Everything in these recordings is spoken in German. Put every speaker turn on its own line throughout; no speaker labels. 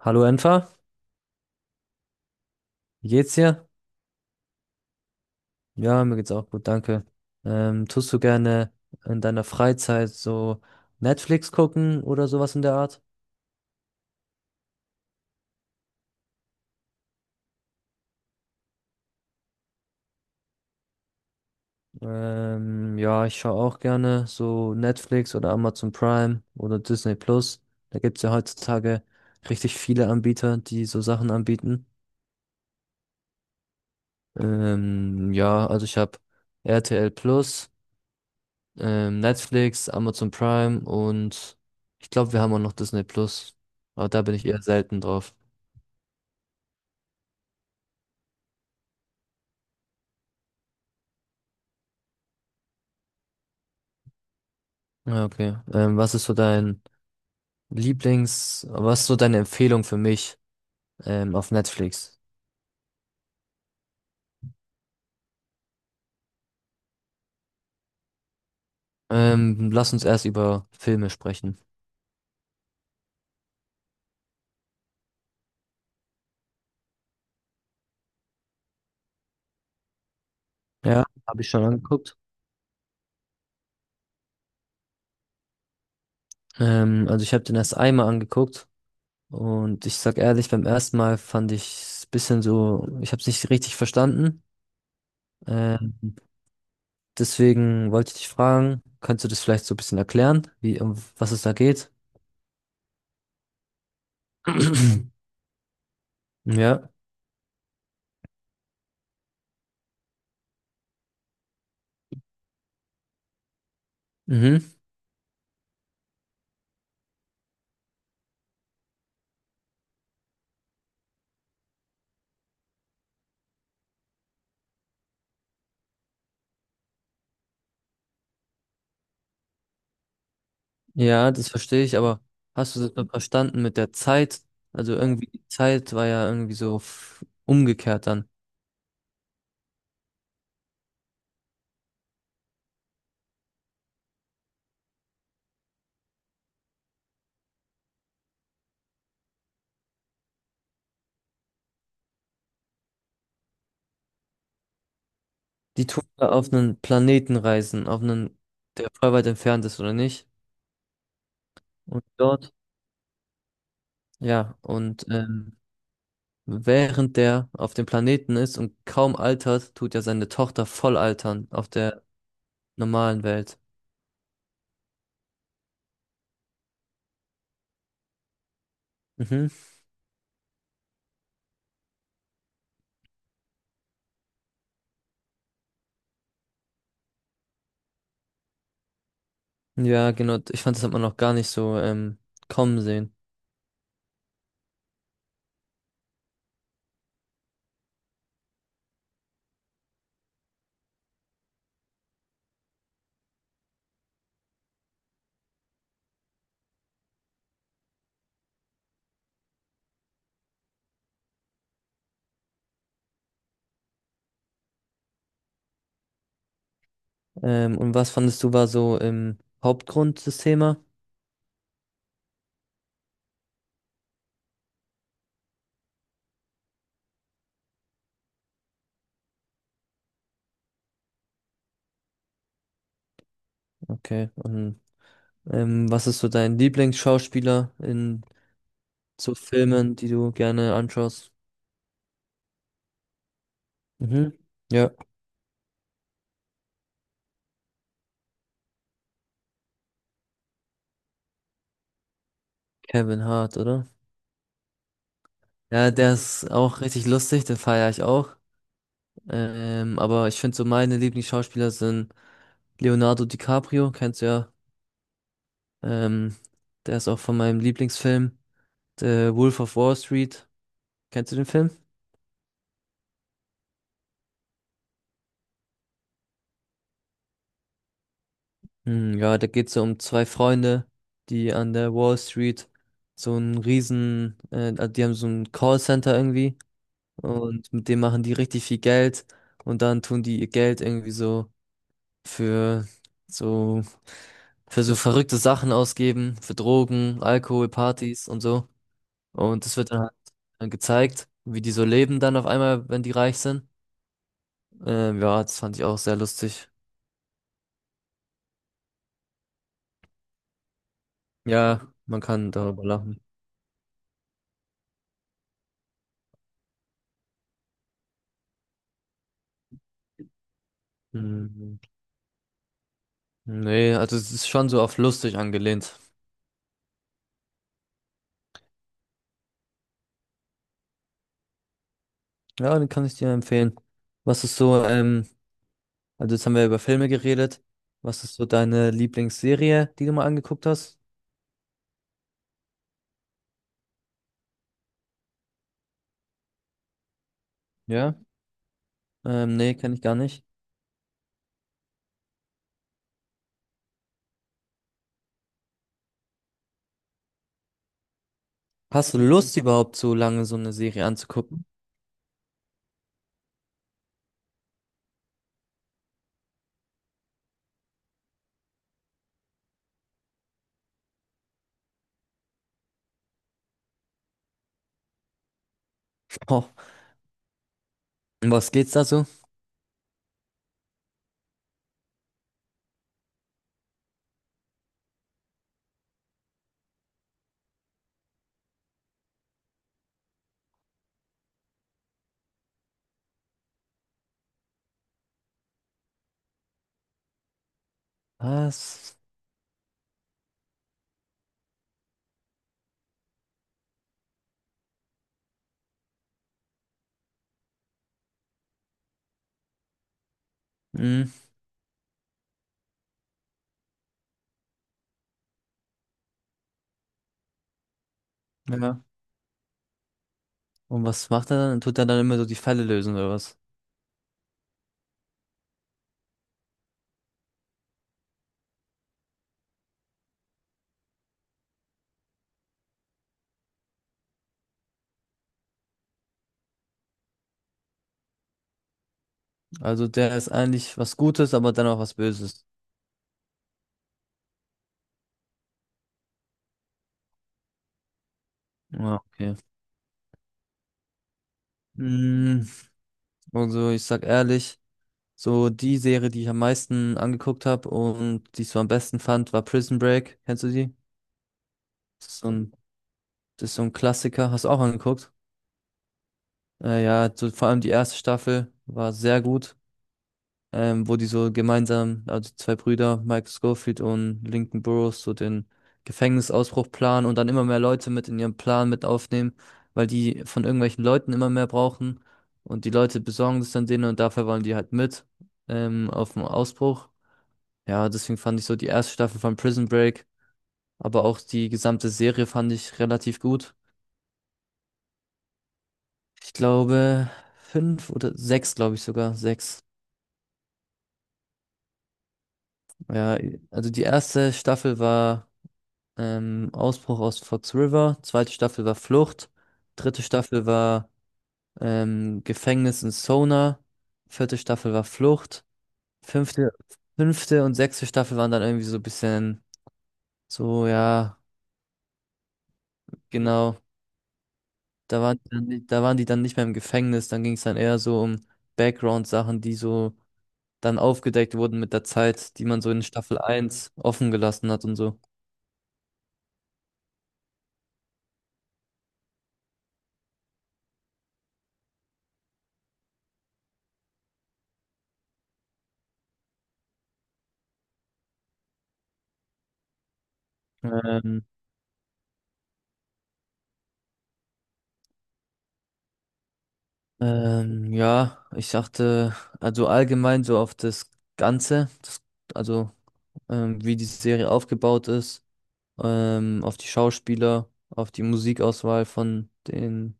Hallo Enfer, wie geht's dir? Ja, mir geht's auch gut, danke. Tust du gerne in deiner Freizeit so Netflix gucken oder sowas in der Art? Ja, ich schaue auch gerne so Netflix oder Amazon Prime oder Disney Plus. Da gibt's ja heutzutage richtig viele Anbieter, die so Sachen anbieten. Ja, also ich habe RTL Plus, Netflix, Amazon Prime und ich glaube, wir haben auch noch Disney Plus. Aber da bin ich eher selten drauf. Ja, okay. Was ist so deine Empfehlung für mich auf Netflix? Lass uns erst über Filme sprechen. Ja, habe ich schon angeguckt. Also ich habe den erst einmal angeguckt und ich sag ehrlich, beim ersten Mal fand ich ein bisschen so, ich habe es nicht richtig verstanden. Ähm, deswegen wollte ich dich fragen, kannst du das vielleicht so ein bisschen erklären, wie, um was es da geht? Ja. Mhm. Ja, das verstehe ich, aber hast du das dann verstanden mit der Zeit? Also irgendwie die Zeit war ja irgendwie so umgekehrt dann. Die tun ja auf einen Planeten reisen, auf einen, der voll weit entfernt ist, oder nicht? Und dort, ja, und während der auf dem Planeten ist und kaum altert, tut ja seine Tochter voll altern auf der normalen Welt. Mhm. Ja, genau. Ich fand, das hat man noch gar nicht so kommen sehen. Und was fandest du war so im Hauptgrund des Themas? Okay. Und was ist so dein Lieblingsschauspieler in so Filmen, die du gerne anschaust? Mhm. Ja, Kevin Hart, oder? Ja, der ist auch richtig lustig, den feiere ich auch. Aber ich finde so meine Lieblingsschauspieler sind Leonardo DiCaprio, kennst du ja. Ähm, der ist auch von meinem Lieblingsfilm, The Wolf of Wall Street. Kennst du den Film? Hm, ja, da geht's ja um zwei Freunde, die an der Wall Street so ein riesen, also die haben so ein Callcenter irgendwie und mit dem machen die richtig viel Geld und dann tun die ihr Geld irgendwie so, für so, für so verrückte Sachen ausgeben, für Drogen, Alkohol, Partys und so. Und das wird dann halt dann gezeigt, wie die so leben dann auf einmal, wenn die reich sind. Ja, das fand ich auch sehr lustig. Ja, man kann darüber lachen. Hm. Nee, also es ist schon so auf lustig angelehnt. Ja, den kann ich dir empfehlen. Was ist so, also jetzt haben wir über Filme geredet. Was ist so deine Lieblingsserie, die du mal angeguckt hast? Ja. Nee, kenne ich gar nicht. Hast du Lust überhaupt so lange so eine Serie anzugucken? Oh, um was geht's da so? Was? Hm. Ja. Und was macht er dann? Tut er dann immer so die Fälle lösen oder was? Also der ist eigentlich was Gutes, aber dann auch was Böses. Ja, okay. Hm, also ich sag ehrlich. So die Serie, die ich am meisten angeguckt habe und die ich so am besten fand, war Prison Break. Kennst du die? Das ist so ein, das ist so ein Klassiker. Hast du auch angeguckt? Ja, so, vor allem die erste Staffel war sehr gut, wo die so gemeinsam, also die zwei Brüder, Michael Scofield und Lincoln Burrows, so den Gefängnisausbruch planen und dann immer mehr Leute mit in ihren Plan mit aufnehmen, weil die von irgendwelchen Leuten immer mehr brauchen und die Leute besorgen das dann denen und dafür wollen die halt mit auf dem Ausbruch. Ja, deswegen fand ich so die erste Staffel von Prison Break, aber auch die gesamte Serie fand ich relativ gut. Ich glaube, fünf oder sechs, glaube ich sogar, sechs. Ja, also die erste Staffel war Ausbruch aus Fox River, zweite Staffel war Flucht, dritte Staffel war Gefängnis in Sona, vierte Staffel war Flucht, fünfte, fünfte und sechste Staffel waren dann irgendwie so ein bisschen so, ja, genau. Da waren die dann nicht mehr im Gefängnis, dann ging es dann eher so um Background-Sachen, die so dann aufgedeckt wurden mit der Zeit, die man so in Staffel eins offen gelassen hat und so. Ähm, ja, ich dachte, also allgemein so auf das Ganze, das, also wie die Serie aufgebaut ist, auf die Schauspieler, auf die Musikauswahl von den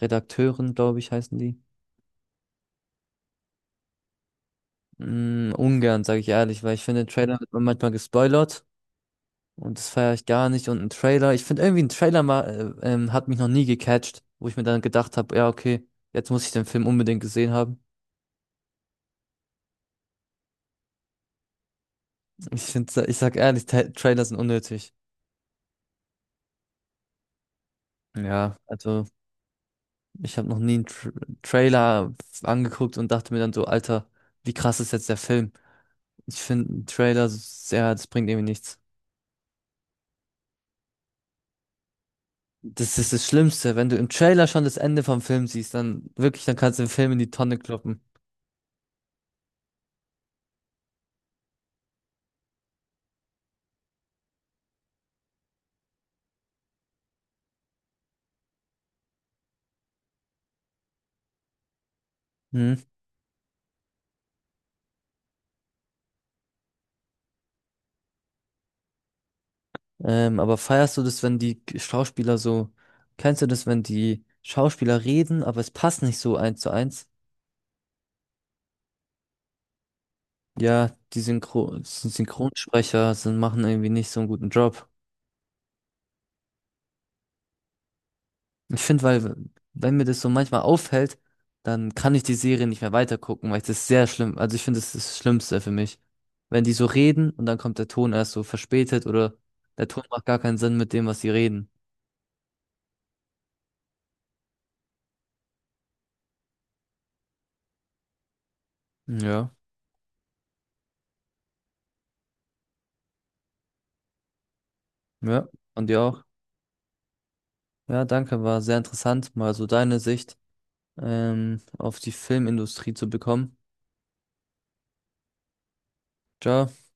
Redakteuren, glaube ich, heißen die. Ungern, sage ich ehrlich, weil ich finde, im Trailer wird man manchmal gespoilert. Und das feiere ich gar nicht. Und ein Trailer, ich finde irgendwie ein Trailer mal, hat mich noch nie gecatcht, wo ich mir dann gedacht habe, ja, okay, jetzt muss ich den Film unbedingt gesehen haben. Ich finde, ich sag ehrlich, Ta Trailer sind unnötig. Ja, also ich habe noch nie einen Tr Trailer angeguckt und dachte mir dann so, Alter, wie krass ist jetzt der Film? Ich finde einen Trailer, ja, das bringt irgendwie nichts. Das ist das Schlimmste, wenn du im Trailer schon das Ende vom Film siehst, dann wirklich, dann kannst du den Film in die Tonne kloppen. Hm? Aber feierst du das, wenn die Schauspieler so, kennst du das, wenn die Schauspieler reden, aber es passt nicht so eins zu eins? Ja, die Synchronsprecher sind, machen irgendwie nicht so einen guten Job. Ich finde, weil, wenn mir das so manchmal auffällt, dann kann ich die Serie nicht mehr weitergucken, weil ich das sehr schlimm, also ich finde, das ist das Schlimmste für mich. Wenn die so reden und dann kommt der Ton erst so verspätet oder der Ton macht gar keinen Sinn mit dem, was sie reden. Ja, ja, und dir auch. Ja, danke, war sehr interessant, mal so deine Sicht auf die Filmindustrie zu bekommen. Ciao.